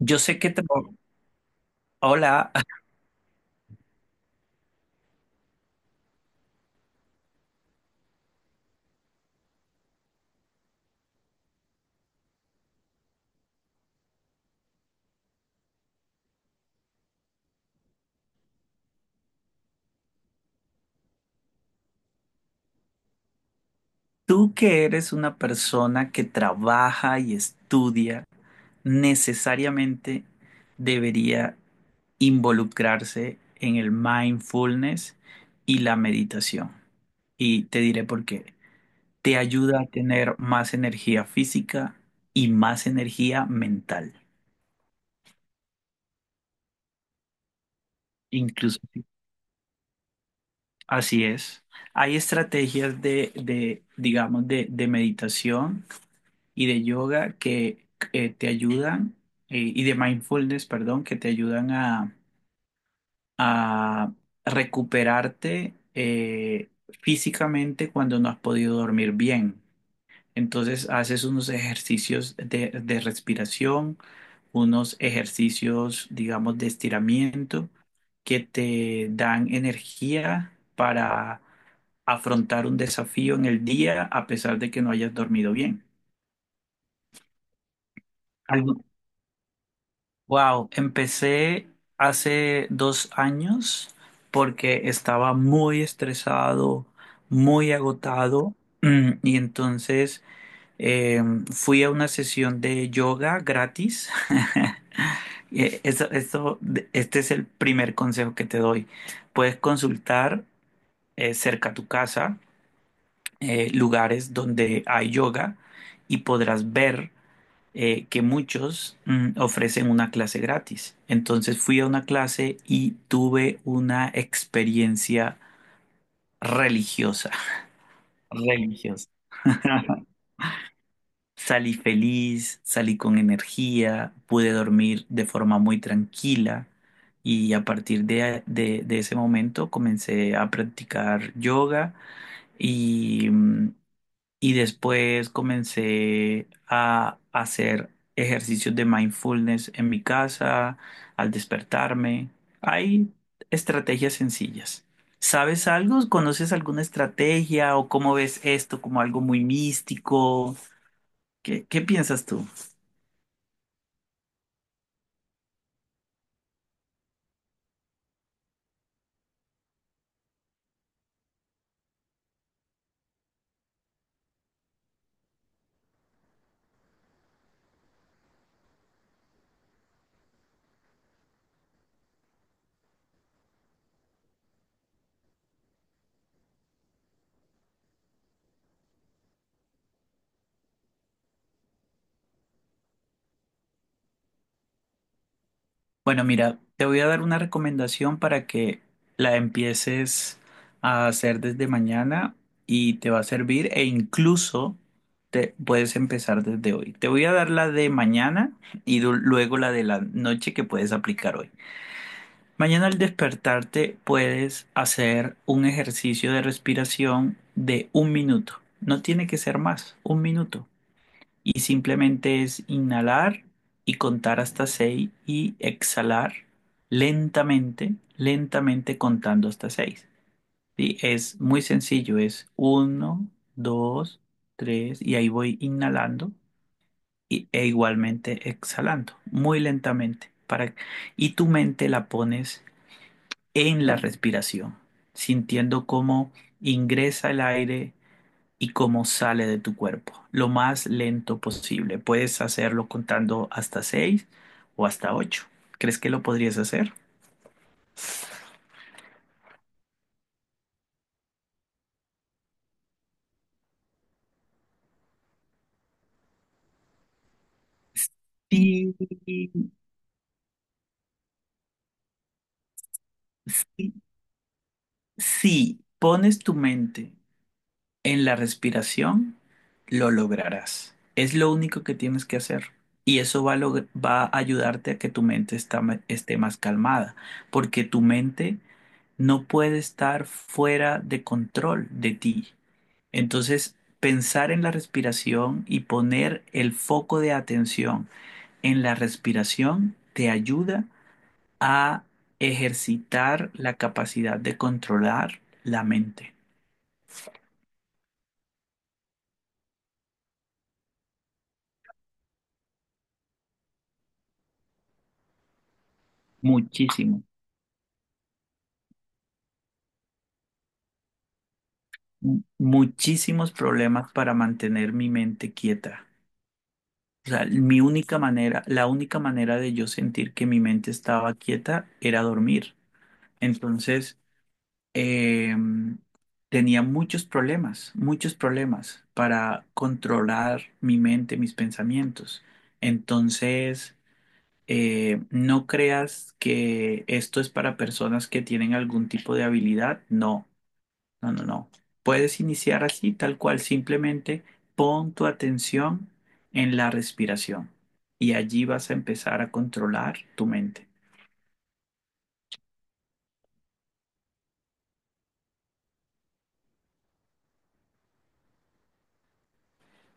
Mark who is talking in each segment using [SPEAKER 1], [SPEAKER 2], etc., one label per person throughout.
[SPEAKER 1] Yo sé que, tra- Hola, tú que eres una persona que trabaja y estudia, necesariamente debería involucrarse en el mindfulness y la meditación. Y te diré por qué. Te ayuda a tener más energía física y más energía mental. Incluso, sí, así es. Hay estrategias digamos, de meditación y de yoga que te ayudan, y de mindfulness, perdón, que te ayudan a, a recuperarte físicamente cuando no has podido dormir bien. Entonces haces unos ejercicios de respiración, unos ejercicios, digamos, de estiramiento que te dan energía para afrontar un desafío en el día a pesar de que no hayas dormido bien. Algo- Wow, empecé hace 2 años porque estaba muy estresado, muy agotado y entonces eh, fui a una sesión de yoga gratis. Eh, Eso, eso- este es el primer consejo que te doy. Puedes consultar cerca a tu casa lugares donde hay yoga y podrás ver que muchos ofrecen una clase gratis. Entonces fui a una clase y tuve una experiencia religiosa, religiosa. Salí feliz, salí con energía, pude dormir de forma muy tranquila y a partir de ese momento comencé a practicar yoga y, mm, Y después comencé a hacer ejercicios de mindfulness en mi casa, al despertarme. Hay estrategias sencillas. ¿Sabes algo? ¿Conoces alguna estrategia o cómo ves esto como algo muy místico? ¿Qué piensas tú? Bueno, mira, te voy a dar una recomendación para que la empieces a hacer desde mañana y te va a servir e incluso te puedes empezar desde hoy. Te voy a dar la de mañana y luego la de la noche que puedes aplicar hoy. Mañana al despertarte puedes hacer un ejercicio de respiración de 1 minuto. No tiene que ser más, 1 minuto y simplemente es inhalar y contar hasta 6 y exhalar lentamente, lentamente contando hasta seis, ¿sí? Es muy sencillo, es uno, dos, 3 y ahí voy inhalando e igualmente exhalando, muy lentamente. Para, y tu mente la pones en la respiración, sintiendo cómo ingresa el aire y cómo sale de tu cuerpo, lo más lento posible. Puedes hacerlo contando hasta seis o hasta ocho. ¿Crees que lo podrías hacer? Sí, sí, si pones tu mente en la respiración, lo lograrás. Es lo único que tienes que hacer. Y eso va a ayudarte a que tu mente esté más calmada, porque tu mente no puede estar fuera de control de ti. Entonces, pensar en la respiración y poner el foco de atención en la respiración te ayuda a ejercitar la capacidad de controlar la mente. Muchísimo, muchísimos problemas para mantener mi mente quieta. O sea, mi única manera, la única manera de yo sentir que mi mente estaba quieta era dormir. Entonces, eh, tenía muchos problemas para controlar mi mente, mis pensamientos. Entonces, no creas que esto es para personas que tienen algún tipo de habilidad. No, no, no, no. Puedes iniciar así, tal cual, simplemente pon tu atención en la respiración y allí vas a empezar a controlar tu mente.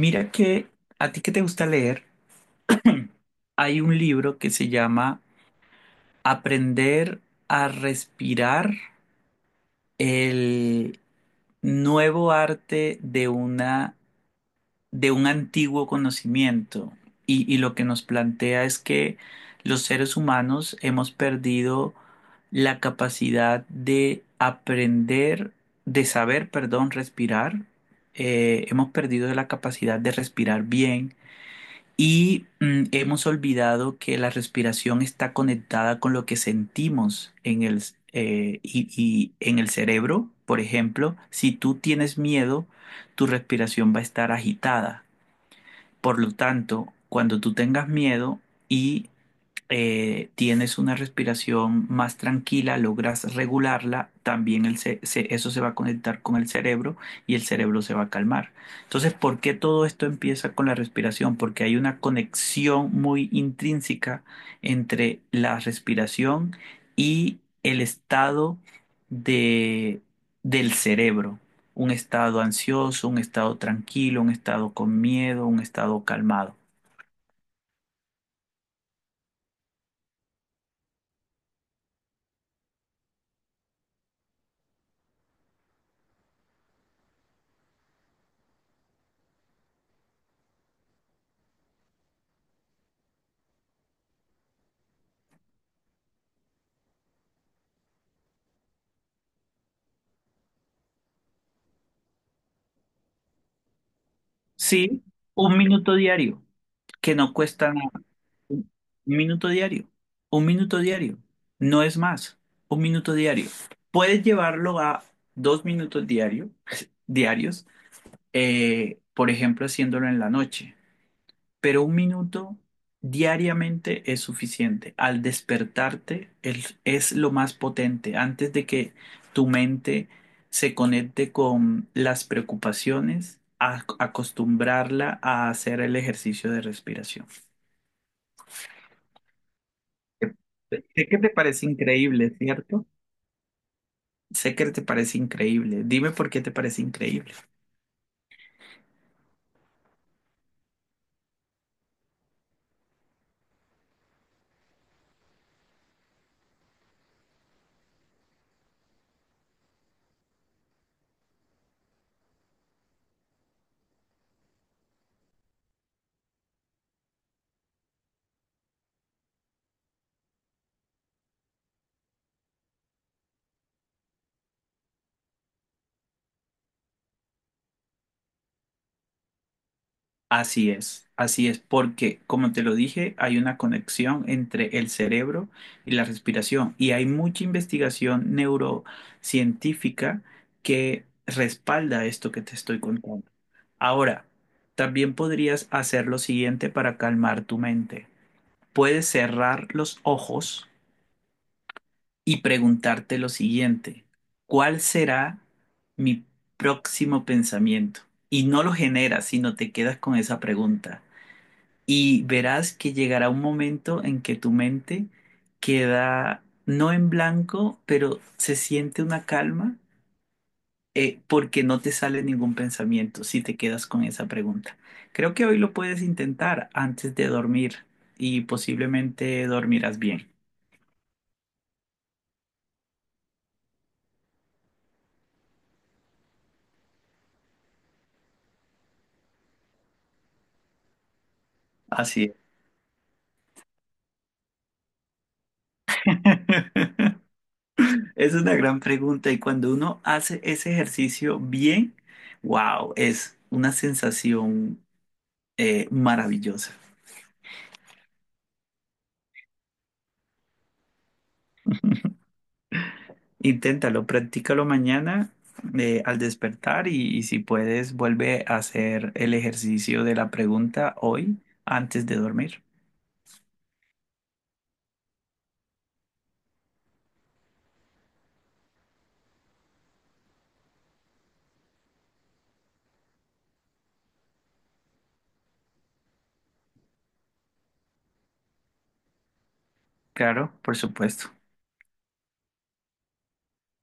[SPEAKER 1] Mira que a ti que te gusta leer, hay un libro que se llama Aprender a Respirar, el nuevo arte de un antiguo conocimiento. Y lo que nos plantea es que los seres humanos hemos perdido la capacidad de aprender, de saber, perdón, respirar. Hemos perdido la capacidad de respirar bien. Y hemos olvidado que la respiración está conectada con lo que sentimos y en el cerebro. Por ejemplo, si tú tienes miedo, tu respiración va a estar agitada. Por lo tanto, cuando tú tengas miedo y tienes una respiración más tranquila, logras regularla, también eso se va a conectar con el cerebro y el cerebro se va a calmar. Entonces, ¿por qué todo esto empieza con la respiración? Porque hay una conexión muy intrínseca entre la respiración y el estado de, del cerebro. Un estado ansioso, un estado tranquilo, un estado con miedo, un estado calmado. Sí, 1 minuto diario. Que no cuesta 1 minuto diario, 1 minuto diario, no es más, 1 minuto diario. Puedes llevarlo a 2 minutos diarios, por ejemplo, haciéndolo en la noche, pero 1 minuto diariamente es suficiente. Al despertarte es lo más potente, antes de que tu mente se conecte con las preocupaciones, acostumbrarla a hacer el ejercicio de respiración. Sé que te parece increíble, ¿cierto? Sé que te parece increíble. Dime por qué te parece increíble. Así es, porque como te lo dije, hay una conexión entre el cerebro y la respiración y hay mucha investigación neurocientífica que respalda esto que te estoy contando. Ahora, también podrías hacer lo siguiente para calmar tu mente. Puedes cerrar los ojos y preguntarte lo siguiente, ¿cuál será mi próximo pensamiento? Y no lo generas, sino te quedas con esa pregunta. Y verás que llegará un momento en que tu mente queda no en blanco, pero se siente una calma porque no te sale ningún pensamiento si te quedas con esa pregunta. Creo que hoy lo puedes intentar antes de dormir y posiblemente dormirás bien. Así es. Es una gran pregunta y cuando uno hace ese ejercicio bien, wow, es una sensación maravillosa. Inténtalo, practícalo mañana al despertar y si puedes, vuelve a hacer el ejercicio de la pregunta hoy antes de dormir. Claro, por supuesto.